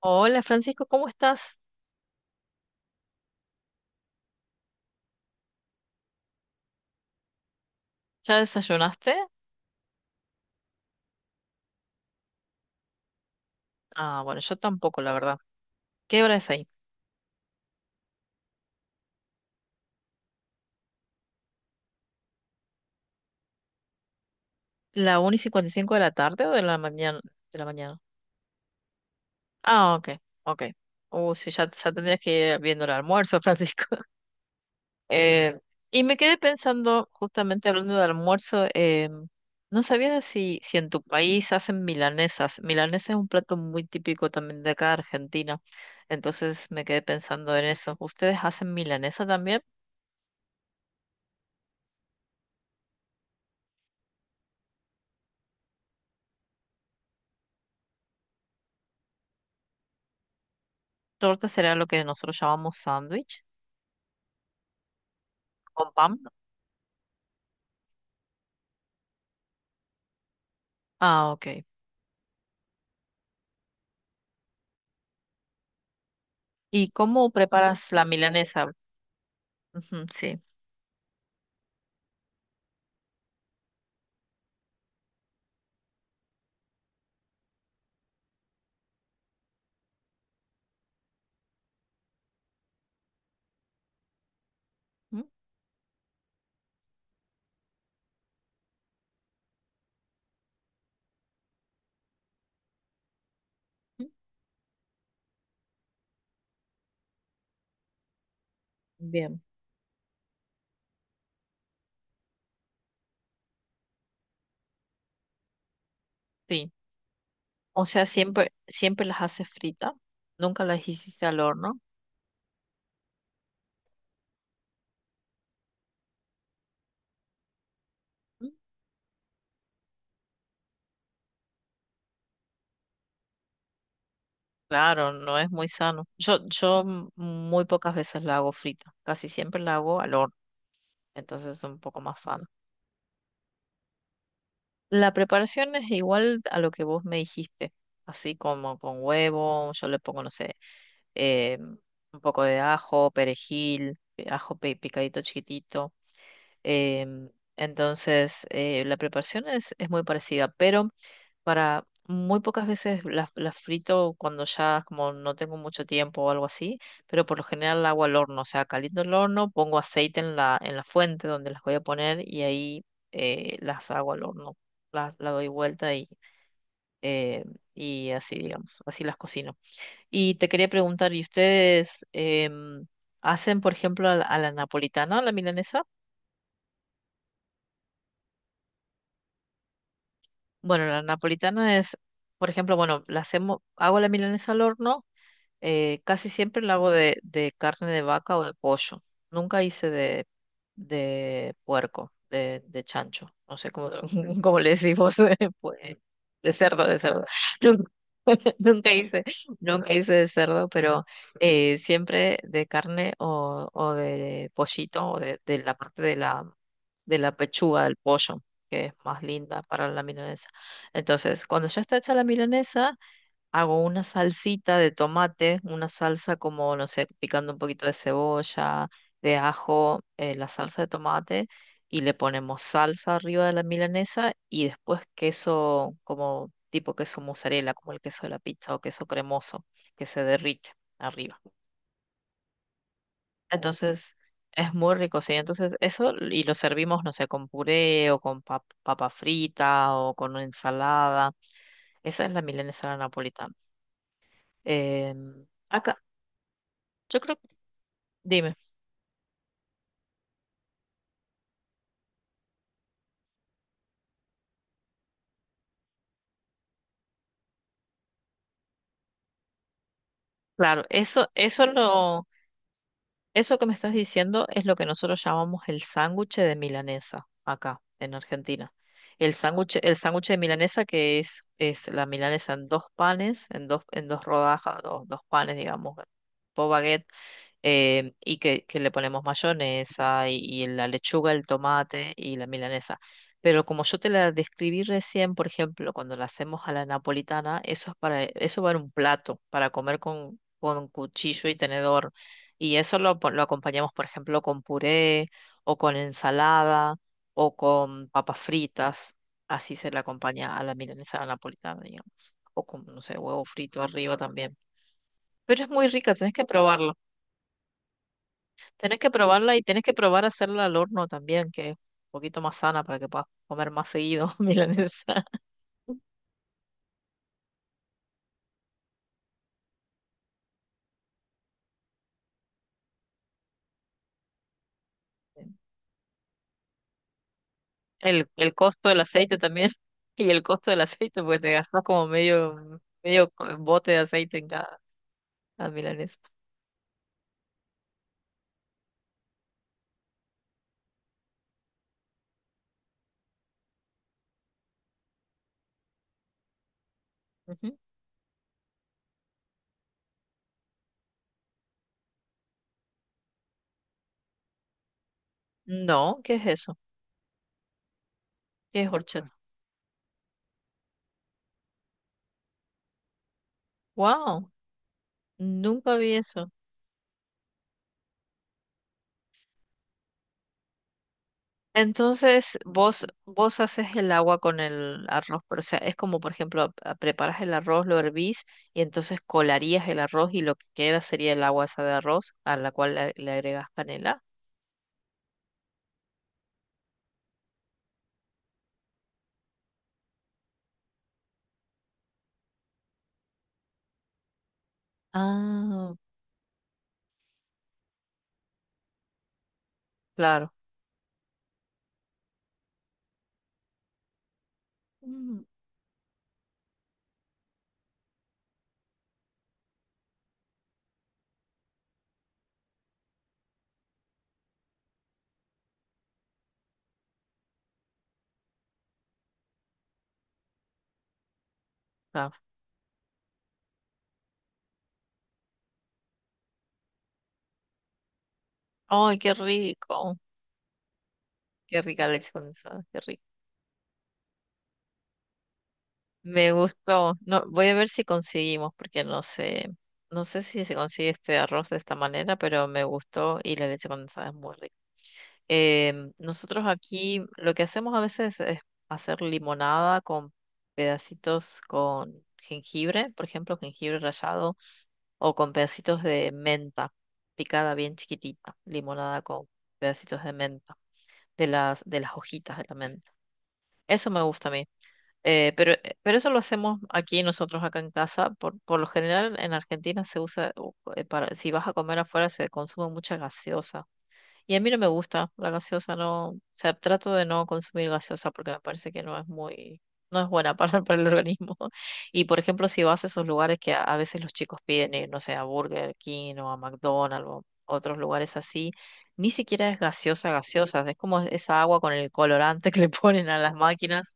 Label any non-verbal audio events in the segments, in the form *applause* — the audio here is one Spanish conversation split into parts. Hola Francisco, ¿cómo estás? ¿Ya desayunaste? Ah, bueno, yo tampoco, la verdad. ¿Qué hora es ahí? ¿La una y 55 de la tarde o de la mañana? De la mañana. Ah, ok, ok. Sí, ya tendrías que ir viendo el almuerzo, Francisco. *laughs* Eh, y me quedé pensando, justamente hablando de almuerzo, no sabía si en tu país hacen milanesas. Milanesa es un plato muy típico también de acá, Argentina. Entonces me quedé pensando en eso. ¿Ustedes hacen milanesa también? Torta será lo que nosotros llamamos sándwich con pan. Ah, ok. ¿Y cómo preparas la milanesa? Ujú, sí. Ujú. Bien. Sí. O sea, siempre, siempre las haces frita. Nunca las hiciste al horno. Mm. Claro, no es muy sano. Yo, muy pocas veces la hago frita. Casi siempre la hago al horno. Entonces es un poco más sano. La preparación es igual a lo que vos me dijiste. Así como con huevo, yo le pongo, no sé. eh, un poco de ajo, perejil, picadito chiquitito. em, entonces, la preparación es muy parecida, pero para muy pocas veces las frito cuando ya como no tengo mucho tiempo o algo así, pero por lo general la hago al horno, o sea, caliento el horno, pongo aceite en en la fuente donde las voy a poner y ahí las hago al horno. La doy vuelta eh, y así, digamos, así las cocino. Y te quería preguntar, ¿y ustedes em, hacen, por ejemplo, a a la napolitana o la milanesa? Bueno, la napolitana es, por ejemplo, bueno, hago la milanesa al horno. Casi siempre la hago de carne de vaca o de pollo. Nunca hice de puerco, de chancho. No sé cómo, *laughs* cómo le decimos, *laughs* pues, de cerdo. Nunca, *laughs* nunca hice, nunca hice de cerdo, pero siempre de carne o de pollito o de la parte de de la pechuga del pollo, que es más linda para la milanesa. Entonces, cuando ya está hecha la milanesa, hago una salsita de tomate, una salsa como, no sé, picando un poquito de cebolla, de ajo, la salsa de tomate, y le ponemos salsa arriba de la milanesa y después queso como tipo queso mozzarella, como el queso de la pizza o queso cremoso, que se derrite arriba. Entonces, es muy rico, sí. Entonces, eso y lo servimos, no sé, con puré o con papa frita o con una ensalada. Esa es la milanesa a la napolitana. Em, acá. Yo creo. Dime, claro, eso, eso que me estás diciendo es lo que nosotros llamamos el sándwich de milanesa acá en Argentina. El sándwich de milanesa que es la milanesa en dos panes, en dos rodajas, dos, dos panes, digamos, dos baguettes, y que le ponemos mayonesa y la lechuga, el tomate y la milanesa. Pero como yo te la describí recién, por ejemplo, cuando la hacemos a la napolitana, eso es para, eso va en un plato, para comer con cuchillo y tenedor. Y lo acompañamos, por ejemplo, con puré o con ensalada o con papas fritas. Así se le acompaña a la milanesa a la napolitana, digamos. O con, no sé, huevo frito arriba también. Pero es muy rica, tenés que probarlo. Tienes que probarla y tienes que probar hacerla al horno también, que es un poquito más sana para que puedas comer más seguido *laughs* milanesa. El costo del aceite también. Y el costo del aceite, pues te gastas como medio, bote de aceite en cada milanesa. Ujú. No, ¿qué es eso? ¿Qué es horchata? Wow, nunca vi eso. Entonces, vos haces el agua con el arroz, pero o sea, es como, por ejemplo, preparas el arroz, lo hervís y entonces colarías el arroz y lo que queda sería el agua esa de arroz a la cual le agregas canela. Ah, claro. Mm, claro. Ay, qué rico. Qué rica leche condensada, qué rico. Me gustó. No, voy a ver si conseguimos, porque no sé, no sé si se consigue este arroz de esta manera, pero me gustó y la leche condensada es muy rica. Em, nosotros aquí lo que hacemos a veces es hacer limonada con pedacitos con jengibre, por ejemplo, jengibre rallado, o con pedacitos de menta picada bien chiquitita, limonada con pedacitos de menta, de de las hojitas de la menta. Eso me gusta a mí. Pero, pero eso lo hacemos aquí nosotros acá en casa. Por lo general en Argentina se usa, si vas a comer afuera se consume mucha gaseosa y a mí no me gusta la gaseosa, no, o sea, trato de no consumir gaseosa porque me parece que no es muy, no es buena *laughs* para el organismo. *laughs* Y por ejemplo, si vas a esos lugares que a veces los chicos piden ir, no sé, a Burger King o a McDonald's o otros lugares así, ni siquiera es gaseosa, gaseosa, es como esa agua con el colorante *laughs* que le ponen a las máquinas,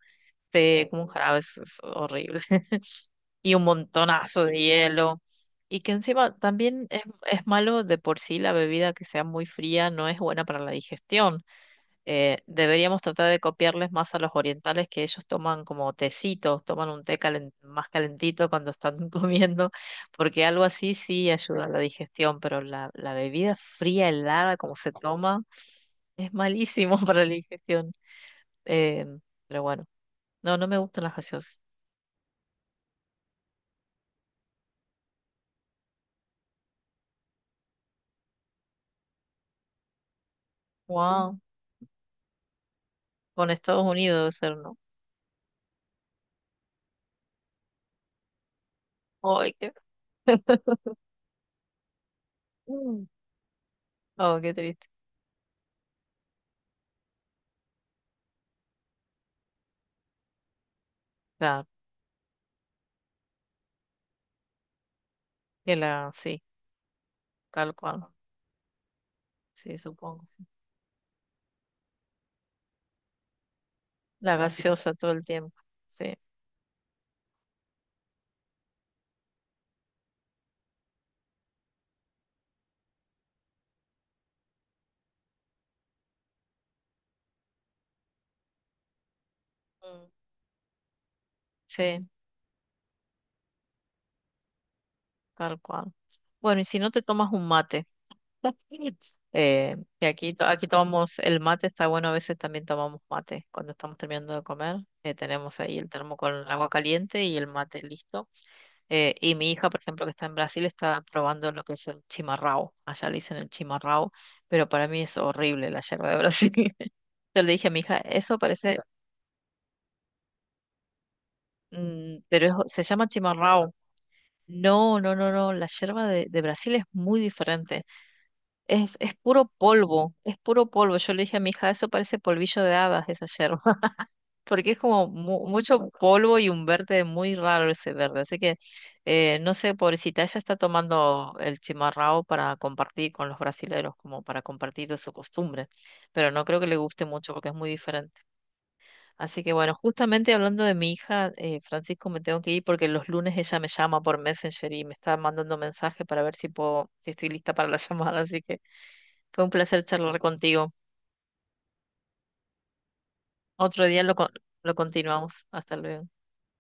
como un jarabe, es horrible y un montonazo de hielo. Y que encima también es malo de por sí la bebida que sea muy fría, no es buena para la digestión. Deberíamos tratar de copiarles más a los orientales que ellos toman como tecitos, toman un té más calentito cuando están *laughs* comiendo, porque algo así sí ayuda a la digestión, pero la bebida fría, helada, como se toma, es malísimo *laughs* para la digestión. Eh, pero bueno, no, no me gustan las gaseosas. Wow, con Estados Unidos debe ser, ¿no? Ay, *laughs* Oh, qué triste. Claro, que la, sí, tal cual. Sí, supongo, sí. La gaseosa todo el tiempo. Sí. Mm. Sí, tal cual. Bueno, y si no te tomas un mate, *laughs* aquí tomamos el mate, está bueno, a veces también tomamos mate. Cuando estamos terminando de comer, tenemos ahí el termo con el agua caliente y el mate listo. Y mi hija, por ejemplo, que está en Brasil, está probando lo que es el chimarrao. Allá le dicen el chimarrao, pero para mí es horrible la yerba de *laughs* Brasil. Yo le dije a mi hija, eso parece, se llama chimarrão. No, no, no, no, la yerba de Brasil es muy diferente. Es puro polvo, es puro polvo. Yo le dije a mi hija, eso parece polvillo de hadas, esa yerba, *laughs* porque es como mucho polvo y un verde muy raro ese verde. Así que, no sé, pobrecita, ella está tomando el chimarrão para compartir con los brasileros, como para compartir de su costumbre, pero no creo que le guste mucho porque es muy diferente. Así que bueno, justamente hablando de mi hija, Francisco, me tengo que ir porque los lunes ella me llama por Messenger y me está mandando mensaje para ver si puedo, si estoy lista para la *laughs* llamada. Así que fue un placer charlar contigo. Otro día lo, con- Lo continuamos. Hasta luego.